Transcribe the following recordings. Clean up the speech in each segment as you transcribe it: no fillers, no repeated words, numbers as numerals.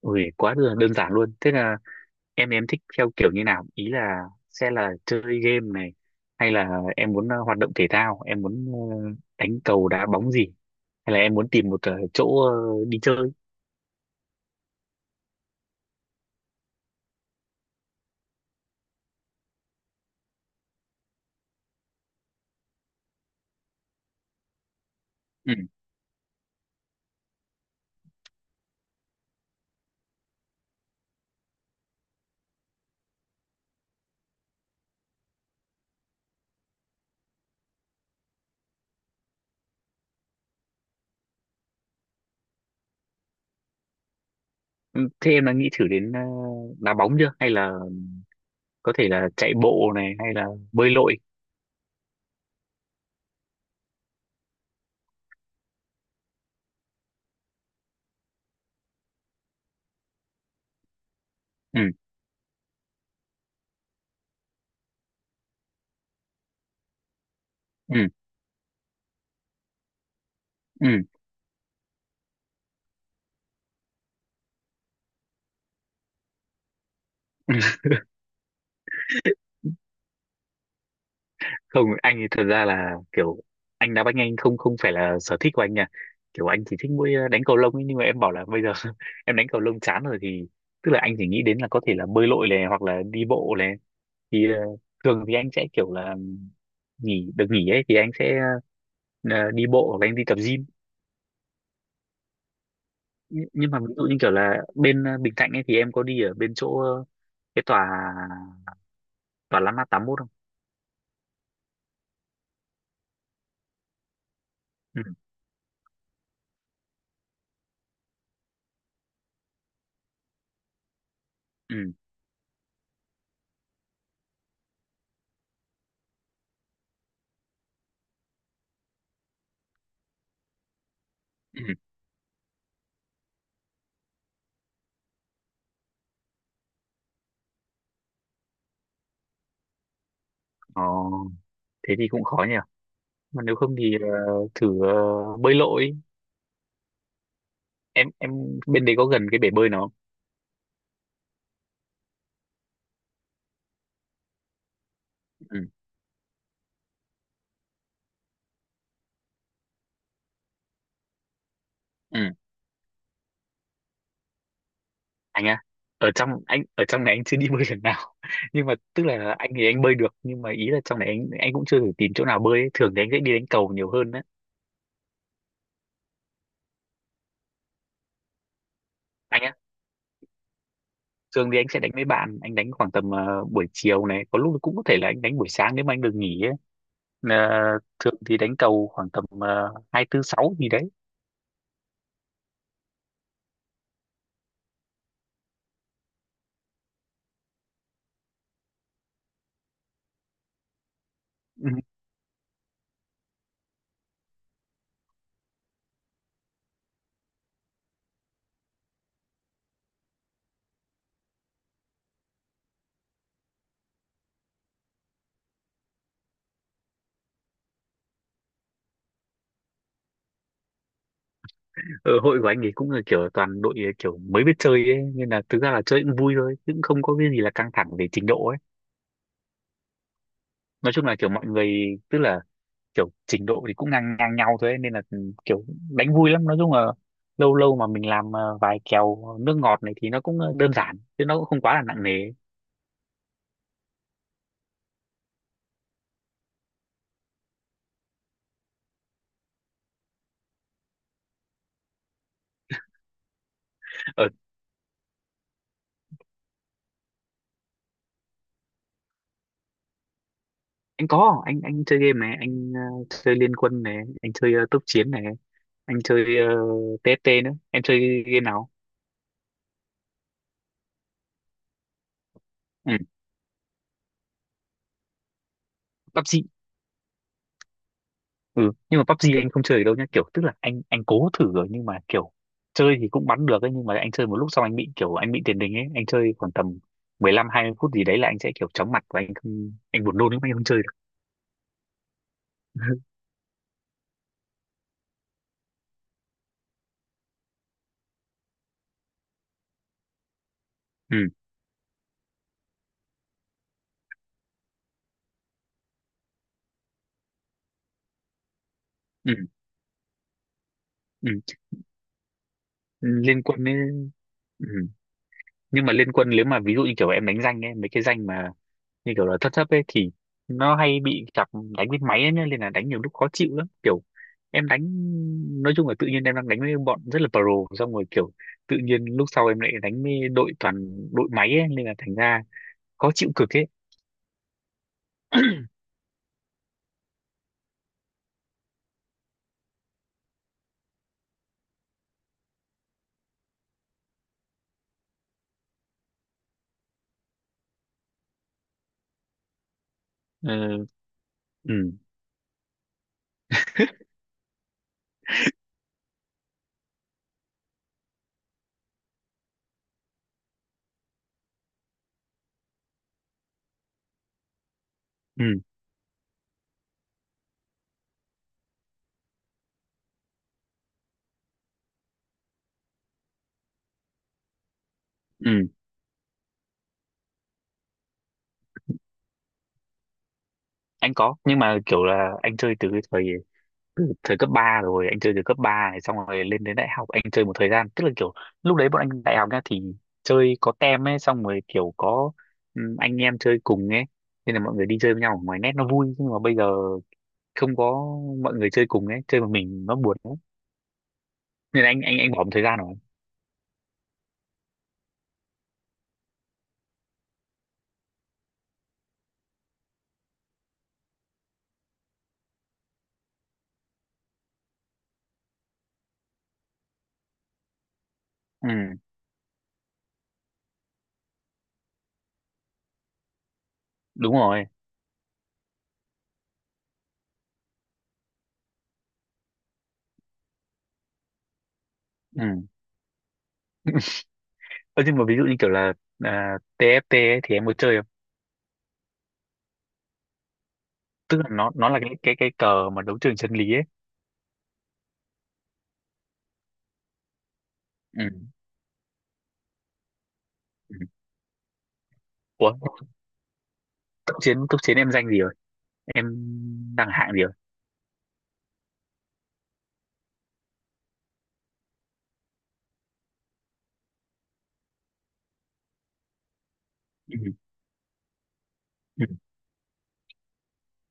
Ui, quá đơn đơn giản luôn. Thế là em thích theo kiểu như nào? Ý là sẽ là chơi game này hay là em muốn hoạt động thể thao, em muốn đánh cầu đá bóng gì hay là em muốn tìm một chỗ đi chơi. Ừ. Ừ, thế em đã nghĩ thử đến đá bóng chưa? Hay là có thể là chạy bộ này hay là bơi lội? Ừ, ừ, ừ. Không, anh thì thật ra là kiểu anh đá banh, anh không không phải là sở thích của anh nha. Kiểu anh chỉ thích mỗi đánh cầu lông ấy, nhưng mà em bảo là bây giờ em đánh cầu lông chán rồi thì tức là anh chỉ nghĩ đến là có thể là bơi lội này hoặc là đi bộ này thì thường thì anh sẽ kiểu là nghỉ được nghỉ ấy thì anh sẽ đi bộ hoặc là anh đi tập gym. Nhưng mà ví dụ như kiểu là bên Bình Thạnh ấy thì em có đi ở bên chỗ cái tòa tòa Landmark 81 không? Ừ, ừ, ừ. Ờ, thế thì cũng khó nhỉ. Mà nếu không thì thử bơi lội. Em bên đấy có gần cái bể bơi nó không? Ừ, ừ. Anh à? Ở trong anh ở trong này anh chưa đi bơi lần nào nhưng mà tức là anh thì anh bơi được, nhưng mà ý là trong này anh cũng chưa thử tìm chỗ nào bơi ấy. Thường thì anh sẽ đi đánh cầu nhiều hơn đấy. Anh á? Thường thì anh sẽ đánh với bạn, anh đánh khoảng tầm buổi chiều này, có lúc cũng có thể là anh đánh buổi sáng nếu mà anh được nghỉ ấy. Ờ, thường thì đánh cầu khoảng tầm hai tư sáu gì đấy. Ừ. Ở hội của anh ấy cũng là kiểu toàn đội kiểu mới biết chơi ấy, nên là thực ra là chơi cũng vui thôi chứ cũng không có cái gì là căng thẳng về trình độ ấy. Nói chung là kiểu mọi người, tức là kiểu trình độ thì cũng ngang ngang nhau thôi ấy, nên là kiểu đánh vui lắm. Nói chung là lâu lâu mà mình làm vài kèo nước ngọt này thì nó cũng đơn giản chứ nó cũng không quá là nặng nề ấy. ờ, anh có, anh chơi game này, anh chơi Liên Quân này, anh chơi tốc chiến này, anh chơi TFT nữa. Em chơi game nào? Ừ, PUBG. Ừ, nhưng mà PUBG anh không chơi được đâu nhá, kiểu tức là anh cố thử rồi nhưng mà kiểu chơi thì cũng bắn được ấy, nhưng mà anh chơi một lúc xong anh bị kiểu anh bị tiền đình ấy, anh chơi khoảng tầm 15-20 phút gì đấy là anh sẽ kiểu chóng mặt và anh không, anh buồn nôn lắm, anh không chơi được. Ừ, ừ, ừ, liên quân ấy. Ừ. Nhưng mà liên quân nếu mà ví dụ như kiểu em đánh danh ấy, mấy cái danh mà như kiểu là thất thấp ấy thì nó hay bị chọc đánh với máy ấy, nhá, nên là đánh nhiều lúc khó chịu lắm kiểu em đánh. Nói chung là tự nhiên em đang đánh với bọn rất là pro xong rồi kiểu tự nhiên lúc sau em lại đánh với đội toàn đội máy ấy, nên là thành ra khó chịu cực ấy. Ừ, ừ, ừ, ừ. Anh có, nhưng mà kiểu là anh chơi từ cái thời thời cấp 3 rồi, anh chơi từ cấp 3 này xong rồi lên đến đại học anh chơi một thời gian, tức là kiểu lúc đấy bọn anh đại học nha thì chơi có tem ấy, xong rồi kiểu có anh em chơi cùng ấy, nên là mọi người đi chơi với nhau ở ngoài nét nó vui. Nhưng mà bây giờ không có mọi người chơi cùng ấy, chơi một mình nó buồn lắm, nên là anh bỏ một thời gian rồi. Ừ, đúng rồi. Ừ. Ơ, nhưng mà ví dụ như kiểu là à, TFT ấy, thì em có chơi không? Tức là nó là cái cờ mà đấu trường chân lý ấy. Ừ, ừ. Ủa, cấp chiến em danh gì? Em đang hạng gì rồi? Ừ, ừ.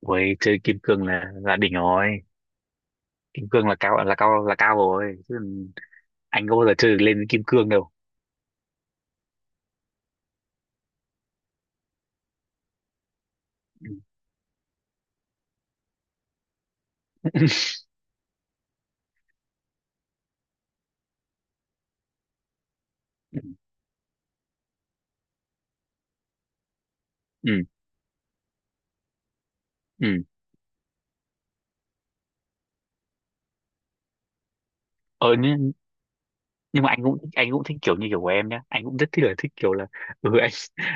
Ôi, chơi kim cương là đỉnh rồi. Kim cương là cao, là cao, là cao rồi chứ, anh có bao giờ chơi được lên kim cương đâu. Ừ. Ừ, ừ. ờ nhưng, nhưng mà anh cũng thích kiểu như kiểu của em nhá, anh cũng rất thích là thích kiểu là ừ, anh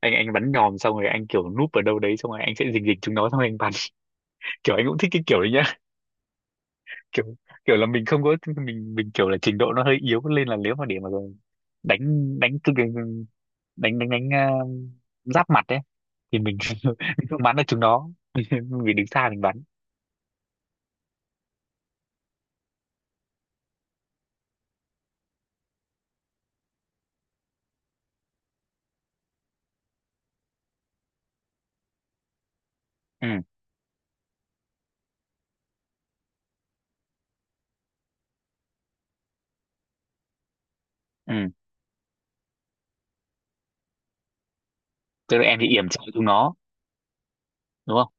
anh anh bắn nhòm xong rồi anh kiểu núp ở đâu đấy xong rồi anh sẽ rình rịch chúng nó xong rồi anh bắn. Kiểu anh cũng thích cái kiểu đấy, kiểu kiểu là mình không có mình kiểu là trình độ nó hơi yếu, nên là nếu mà để mà đánh đánh cái- đánh đánh đánh giáp mặt ấy, thì mình không bắn được chúng nó vì đứng xa mình bắn. Ừ, ừ, tức là em thì yểm trợ chúng nó, đúng không?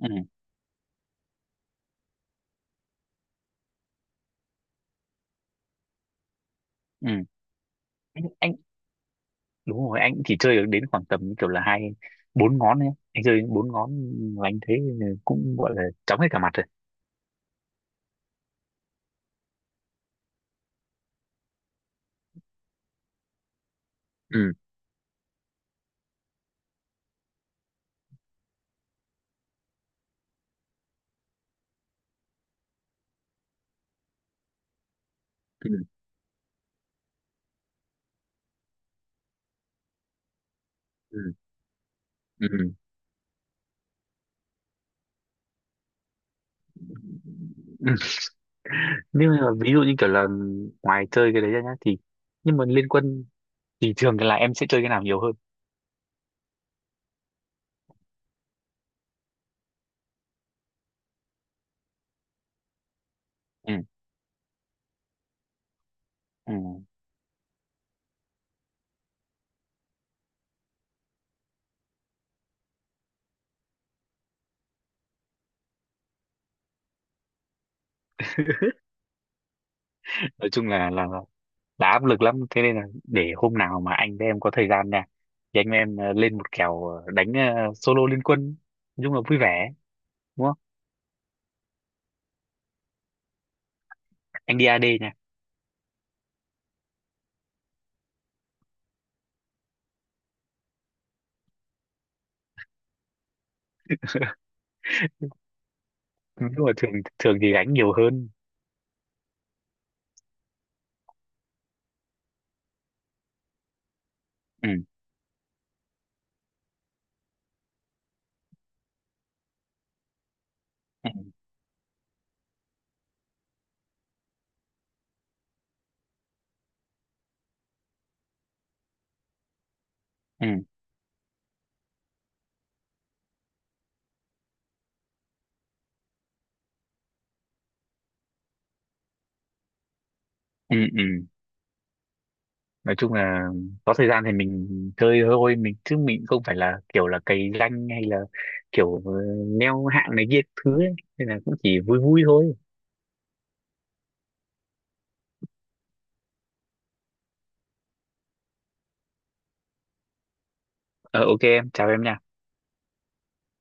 Ừ, ừ. Anh đúng rồi, anh chỉ chơi được đến khoảng tầm kiểu là hai bốn ngón ấy, anh chơi bốn ngón, và anh thấy cũng gọi là chóng hết cả mặt rồi. Ừ, ừ, ừ, ừ. Nhưng mà ví dụ như kiểu là ngoài chơi cái đấy ra nhá, thì nhưng mà liên quân thì thường là em sẽ chơi cái nào nhiều hơn? Ừ, ừ. Nói chung là áp lực lắm, thế nên là để hôm nào mà anh với em có thời gian nha thì anh với em lên một kèo đánh solo liên quân, nói chung là vui vẻ, đúng không? Anh đi AD nha. Nhưng mà thường thường thì đánh nhiều hơn. Ừ, ừ, ừ, ừ. Ừ. Nói chung là có thời gian thì mình chơi thôi mình, chứ mình không phải là kiểu là cày danh hay là kiểu leo hạng này kia thứ ấy. Nên là cũng chỉ vui vui thôi. Ờ, ok, em chào em nha.